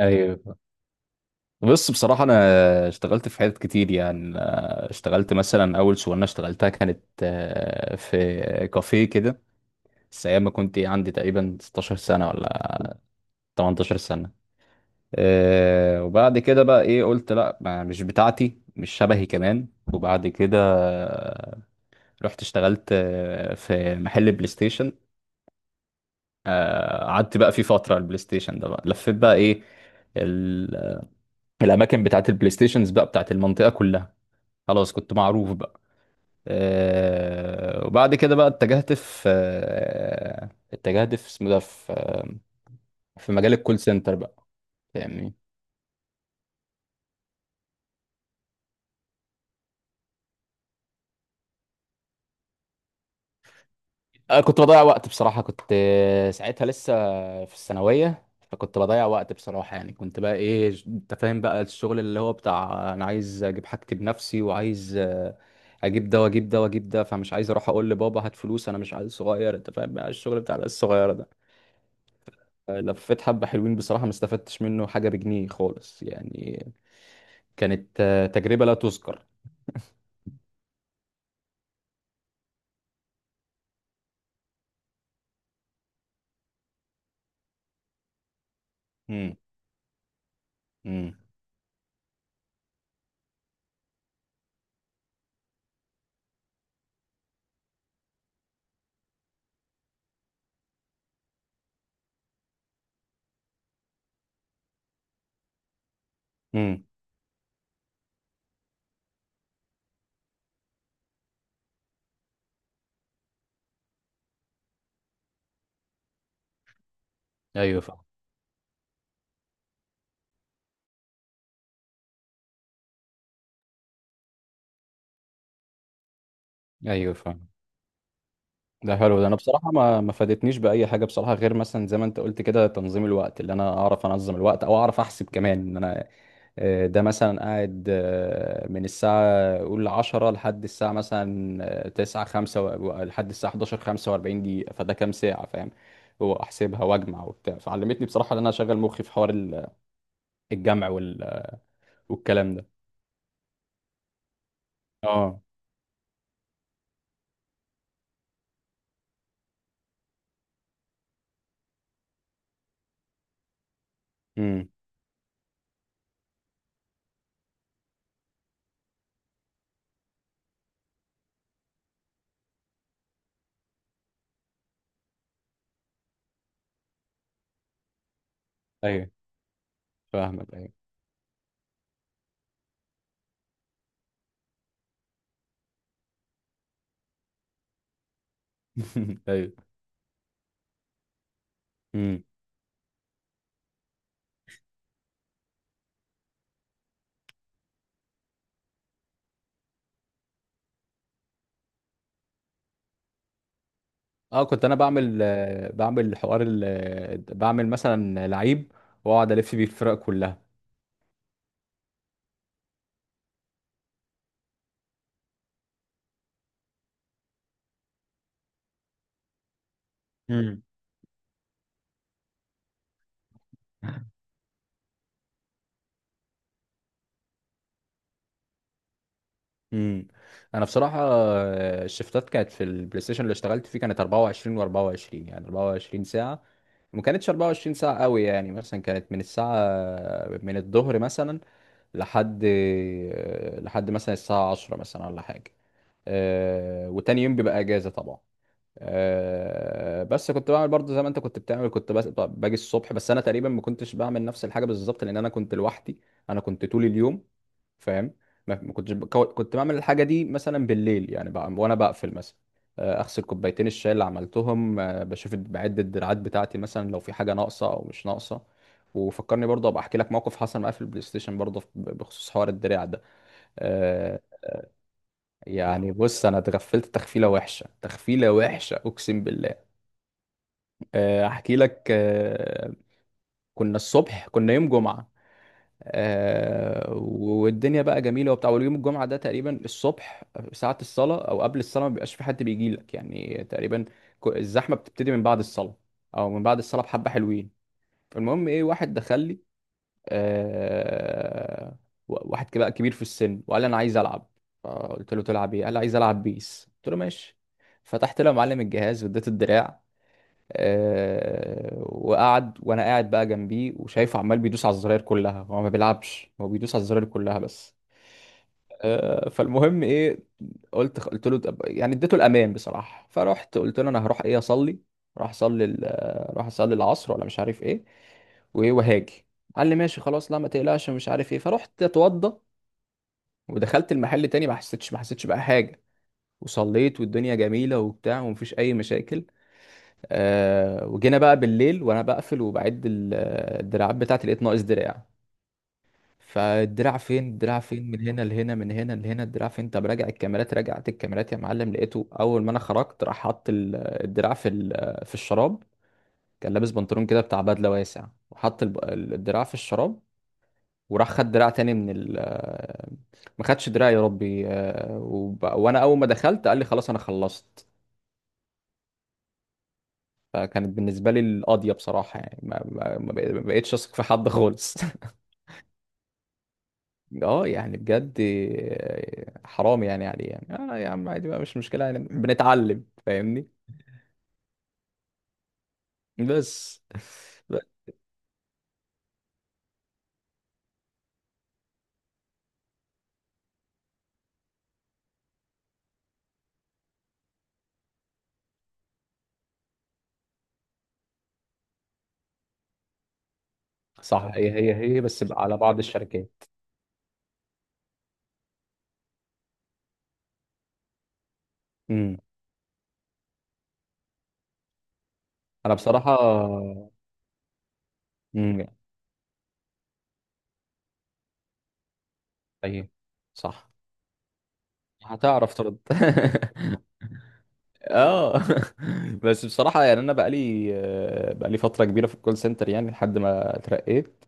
ايوه. بص، بصراحة أنا اشتغلت في حتت كتير، يعني اشتغلت مثلا أول شغلانة اشتغلتها كانت في كافيه كده، بس أيام ما كنت عندي تقريبا 16 سنة ولا 18 سنة. وبعد كده بقى إيه قلت لأ، مش بتاعتي، مش شبهي كمان. وبعد كده رحت اشتغلت في محل بلاي ستيشن. قعدت بقى فيه فترة على البلاي ستيشن ده، بقى لفيت بقى إيه ال- الأماكن بتاعت البلاي ستيشنز بقى بتاعت المنطقة كلها، خلاص كنت معروف بقى. وبعد كده بقى اتجهت في اسمه ده في في مجال الكول سنتر بقى، فاهمني. انا كنت بضيع وقت بصراحة، كنت ساعتها لسه في الثانوية، فكنت بضيع وقت بصراحة يعني. كنت بقى ايه انت فاهم بقى الشغل اللي هو بتاع، انا عايز اجيب حاجتي بنفسي وعايز اجيب ده واجيب ده واجيب ده، فمش عايز اروح اقول لبابا هات فلوس، انا مش عايز صغير، انت فاهم بقى الشغل بتاع العيال الصغيرة ده. لفيت حبة حلوين بصراحة، ما استفدتش منه حاجة بجنيه خالص يعني، كانت تجربة لا تذكر. امم. امم. امم. ايوه، فاهم. ايوه، فاهم، ده حلو ده. انا بصراحة ما فادتنيش بأي حاجة بصراحة، غير مثلا زي ما انت قلت كده، تنظيم الوقت، اللي انا اعرف انظم الوقت او اعرف احسب كمان ان انا ده مثلا قاعد من الساعة قول 10 لحد الساعة مثلا 9 5 لحد الساعة 11:45 دقيقة، فده كام ساعة، فاهم؟ هو أحسبها وأجمع وبتاع، فعلمتني بصراحة إن أنا أشغل مخي في حوار الجمع والكلام ده. اه. امم. ايوه فاهمك. ايوه ايوه. امم. اه، كنت انا بعمل بعمل حوار بعمل مثلا لعيب، واقعد الف بيه الفرق كلها. امم. انا بصراحه الشفتات كانت في البلاي ستيشن اللي اشتغلت فيه كانت 24، و24 يعني 24 ساعه. ما كانتش 24 ساعه قوي يعني، مثلا كانت من الساعه، من الظهر مثلا، لحد لحد مثلا الساعه 10 مثلا ولا حاجه. وتاني يوم بيبقى اجازه طبعا. بس كنت بعمل برضه زي ما انت كنت بتعمل، كنت باجي الصبح، بس انا تقريبا ما كنتش بعمل نفس الحاجه بالظبط لان انا كنت لوحدي، انا كنت طول اليوم، فاهم. ما كنت بعمل الحاجه دي مثلا بالليل يعني بقى، وانا بقفل مثلا اغسل كوبايتين الشاي اللي عملتهم، بشوف بعد الدراعات بتاعتي مثلا، لو في حاجه ناقصه او مش ناقصه. وفكرني برضه ابقى احكي لك موقف حصل معايا في البلاي ستيشن برضه، بخصوص حوار الدراع ده. آه، يعني بص، انا اتغفلت تغفيله وحشه، تغفيله وحشه اقسم بالله. احكي لك، كنا الصبح، كنا يوم جمعة، والدنيا بقى جميلة وبتاع. واليوم الجمعة ده تقريبا الصبح ساعة الصلاة او قبل الصلاة ما بيبقاش في حد بيجي لك، يعني تقريبا الزحمة بتبتدي من بعد الصلاة، او من بعد الصلاة بحبة حلوين. فالمهم ايه، واحد دخل لي، آه، واحد كده بقى كبير في السن، وقال لي انا عايز العب. فقلت له تلعب ايه؟ قال لي عايز العب بيس. قلت له ماشي. فتحت له يا معلم الجهاز واديته الدراع. وقعد وانا قاعد بقى جنبيه، وشايفه عمال بيدوس على الزراير كلها، هو ما بيلعبش، هو بيدوس على الزراير كلها بس. فالمهم ايه، قلت له يعني اديته الامان بصراحه، فرحت قلت له انا هروح ايه اصلي. راح اصلي راح اصلي العصر ولا مش عارف ايه، وايه وهاجي. قال لي ماشي خلاص، لا ما تقلقش، مش عارف ايه. فرحت اتوضى ودخلت المحل تاني، ما حسيتش بقى حاجه. وصليت والدنيا جميله وبتاع، ومفيش اي مشاكل. وجينا بقى بالليل وانا بقفل، وبعد الدراعات بتاعتي لقيت ناقص دراع. فالدراع فين، الدراع فين، من هنا لهنا، من هنا لهنا، الدراع فين؟ طب راجع الكاميرات. رجعت الكاميرات يا معلم، لقيته اول ما انا خرجت راح حط الدراع في الشراب. كان لابس بنطلون كده بتاع بدله واسع، وحط الدراع في الشراب، وراح خد دراع تاني من ال، ما خدش دراع يا ربي. وانا اول ما دخلت قال لي خلاص انا خلصت. فكانت بالنسبة لي القاضية بصراحة، يعني ما بقتش أثق في حد خالص اه يعني بجد حرام يعني عليه. يعني اه يا عم عادي بقى، مش مشكلة، يعني بنتعلم فاهمني. بس بس- صح، هي بس بقى على بعض الشركات. امم. انا بصراحة. امم. ايوه، صح. هتعرف ترد اه بس بصراحة يعني انا بقالي بقالي فترة كبيرة في الكول سنتر، يعني لحد ما اترقيت.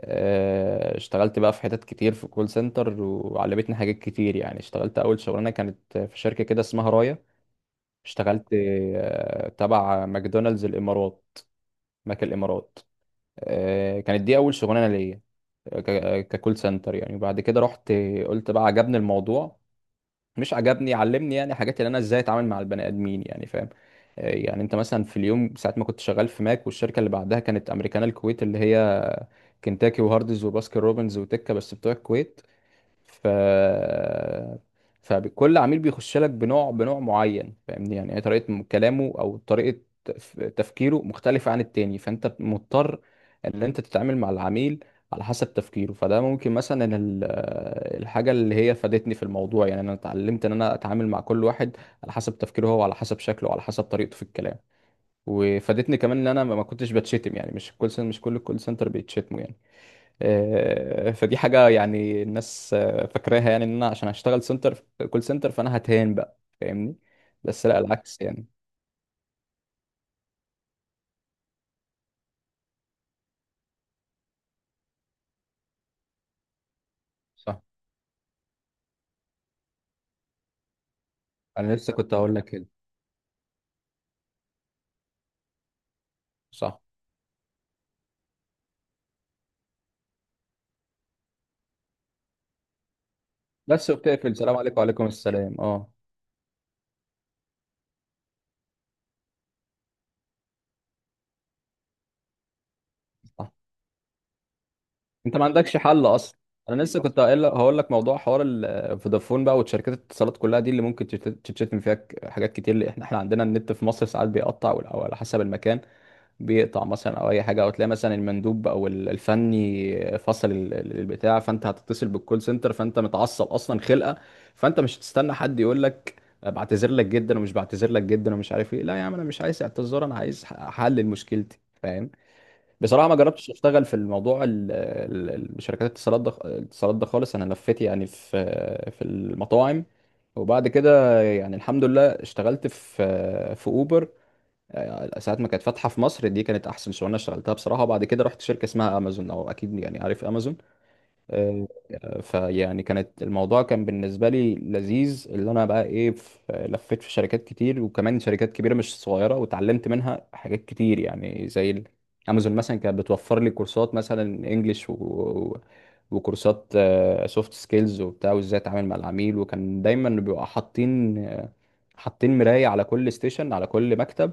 اشتغلت بقى في حتت كتير في كول سنتر وعلمتني حاجات كتير يعني. اشتغلت اول شغلانه كانت في شركه كده اسمها رايا، اشتغلت تبع ماكدونالدز الامارات، ماك الامارات. كانت دي اول شغلانه ليا، ككول سنتر يعني. وبعد كده رحت، قلت بقى عجبني الموضوع، مش عجبني، علمني يعني حاجات، اللي انا ازاي اتعامل مع البني ادمين، يعني فاهم. يعني انت مثلا في اليوم، ساعه ما كنت شغال في ماك، والشركه اللي بعدها كانت امريكانا الكويت، اللي هي كنتاكي وهاردز وباسكن روبنز وتكه، بس بتوع الكويت. ف فكل عميل بيخش لك بنوع، بنوع معين، فاهمني. يعني هي طريقة كلامه او طريقة تفكيره مختلفة عن التاني، فانت مضطر ان انت تتعامل مع العميل على حسب تفكيره. فده ممكن مثلا الحاجة اللي هي فادتني في الموضوع، يعني انا اتعلمت ان انا اتعامل مع كل واحد على حسب تفكيره هو، على حسب شكله وعلى حسب طريقته في الكلام. وفادتني كمان ان انا ما كنتش بتشتم يعني، مش كل سن، مش كل الكول سنتر بيتشتموا يعني. فدي حاجة يعني الناس فاكراها يعني، ان انا عشان هشتغل سنتر، كول سنتر، فانا هتهان بقى فاهمني. بس لا العكس يعني. صح، انا لسه كنت هقول لك كده. صح، بس وبتقفل السلام عليكم وعليكم السلام. اه، صح، انت ما عندكش حل اصلا. انا لسه كنت هقول لك، موضوع حوار فودافون بقى وشركات الاتصالات كلها دي، اللي ممكن تتشتم فيها حاجات كتير، اللي احنا عندنا النت في مصر ساعات بيقطع او على حسب المكان بيقطع مثلا، او اي حاجه، او تلاقي مثلا المندوب او الفني فصل البتاع، فانت هتتصل بالكول سنتر فانت متعصب اصلا خلقه، فانت مش هتستنى حد يقول لك بعتذر لك جدا ومش بعتذر لك جدا ومش عارف ايه. لا يا عم انا مش عايز اعتذار، انا عايز حل لمشكلتي، فاهم. بصراحه ما جربتش اشتغل في الموضوع شركات الاتصالات ده، الاتصالات ده خالص. انا لفيت يعني في المطاعم، وبعد كده يعني الحمد لله اشتغلت في اوبر ساعات ما كانت فاتحه في مصر، دي كانت احسن شغلانه اشتغلتها بصراحه. وبعد كده رحت شركه اسمها امازون، او اكيد يعني عارف امازون. آه، فيعني كانت الموضوع كان بالنسبه لي لذيذ، اللي انا بقى ايه لفيت في شركات كتير، وكمان شركات كبيره مش صغيره، واتعلمت منها حاجات كتير يعني. زي امازون مثلا كانت بتوفر لي كورسات مثلا انجليش وكورسات سوفت سكيلز وبتاع، وازاي اتعامل مع العميل. وكان دايما بيبقى حاطين حاطين مراية على كل ستيشن، على كل مكتب.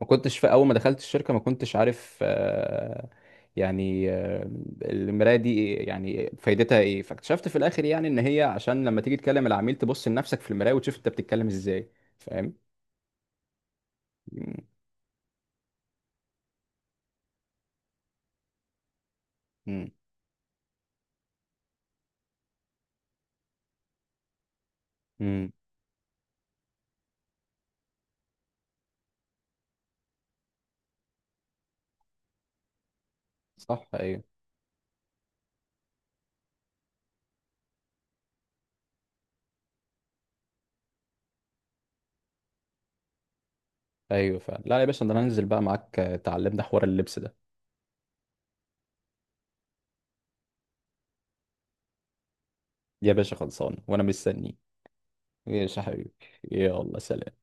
ما كنتش، في اول ما دخلت الشركه ما كنتش عارف يعني آه، المرايه دي يعني فايدتها ايه. فاكتشفت في الاخر يعني ان هي عشان لما تيجي تكلم العميل، تبص لنفسك في المرايه وتشوف انت بتتكلم ازاي، فاهم. امم. امم. صح، ايوه. ايوه فعلا، لا يا باشا، ده انا هنزل بقى معاك. تعلمنا حوار اللبس ده. يا باشا خلصان وانا مستنيك. ماشي يا حبيبي. يلا سلام.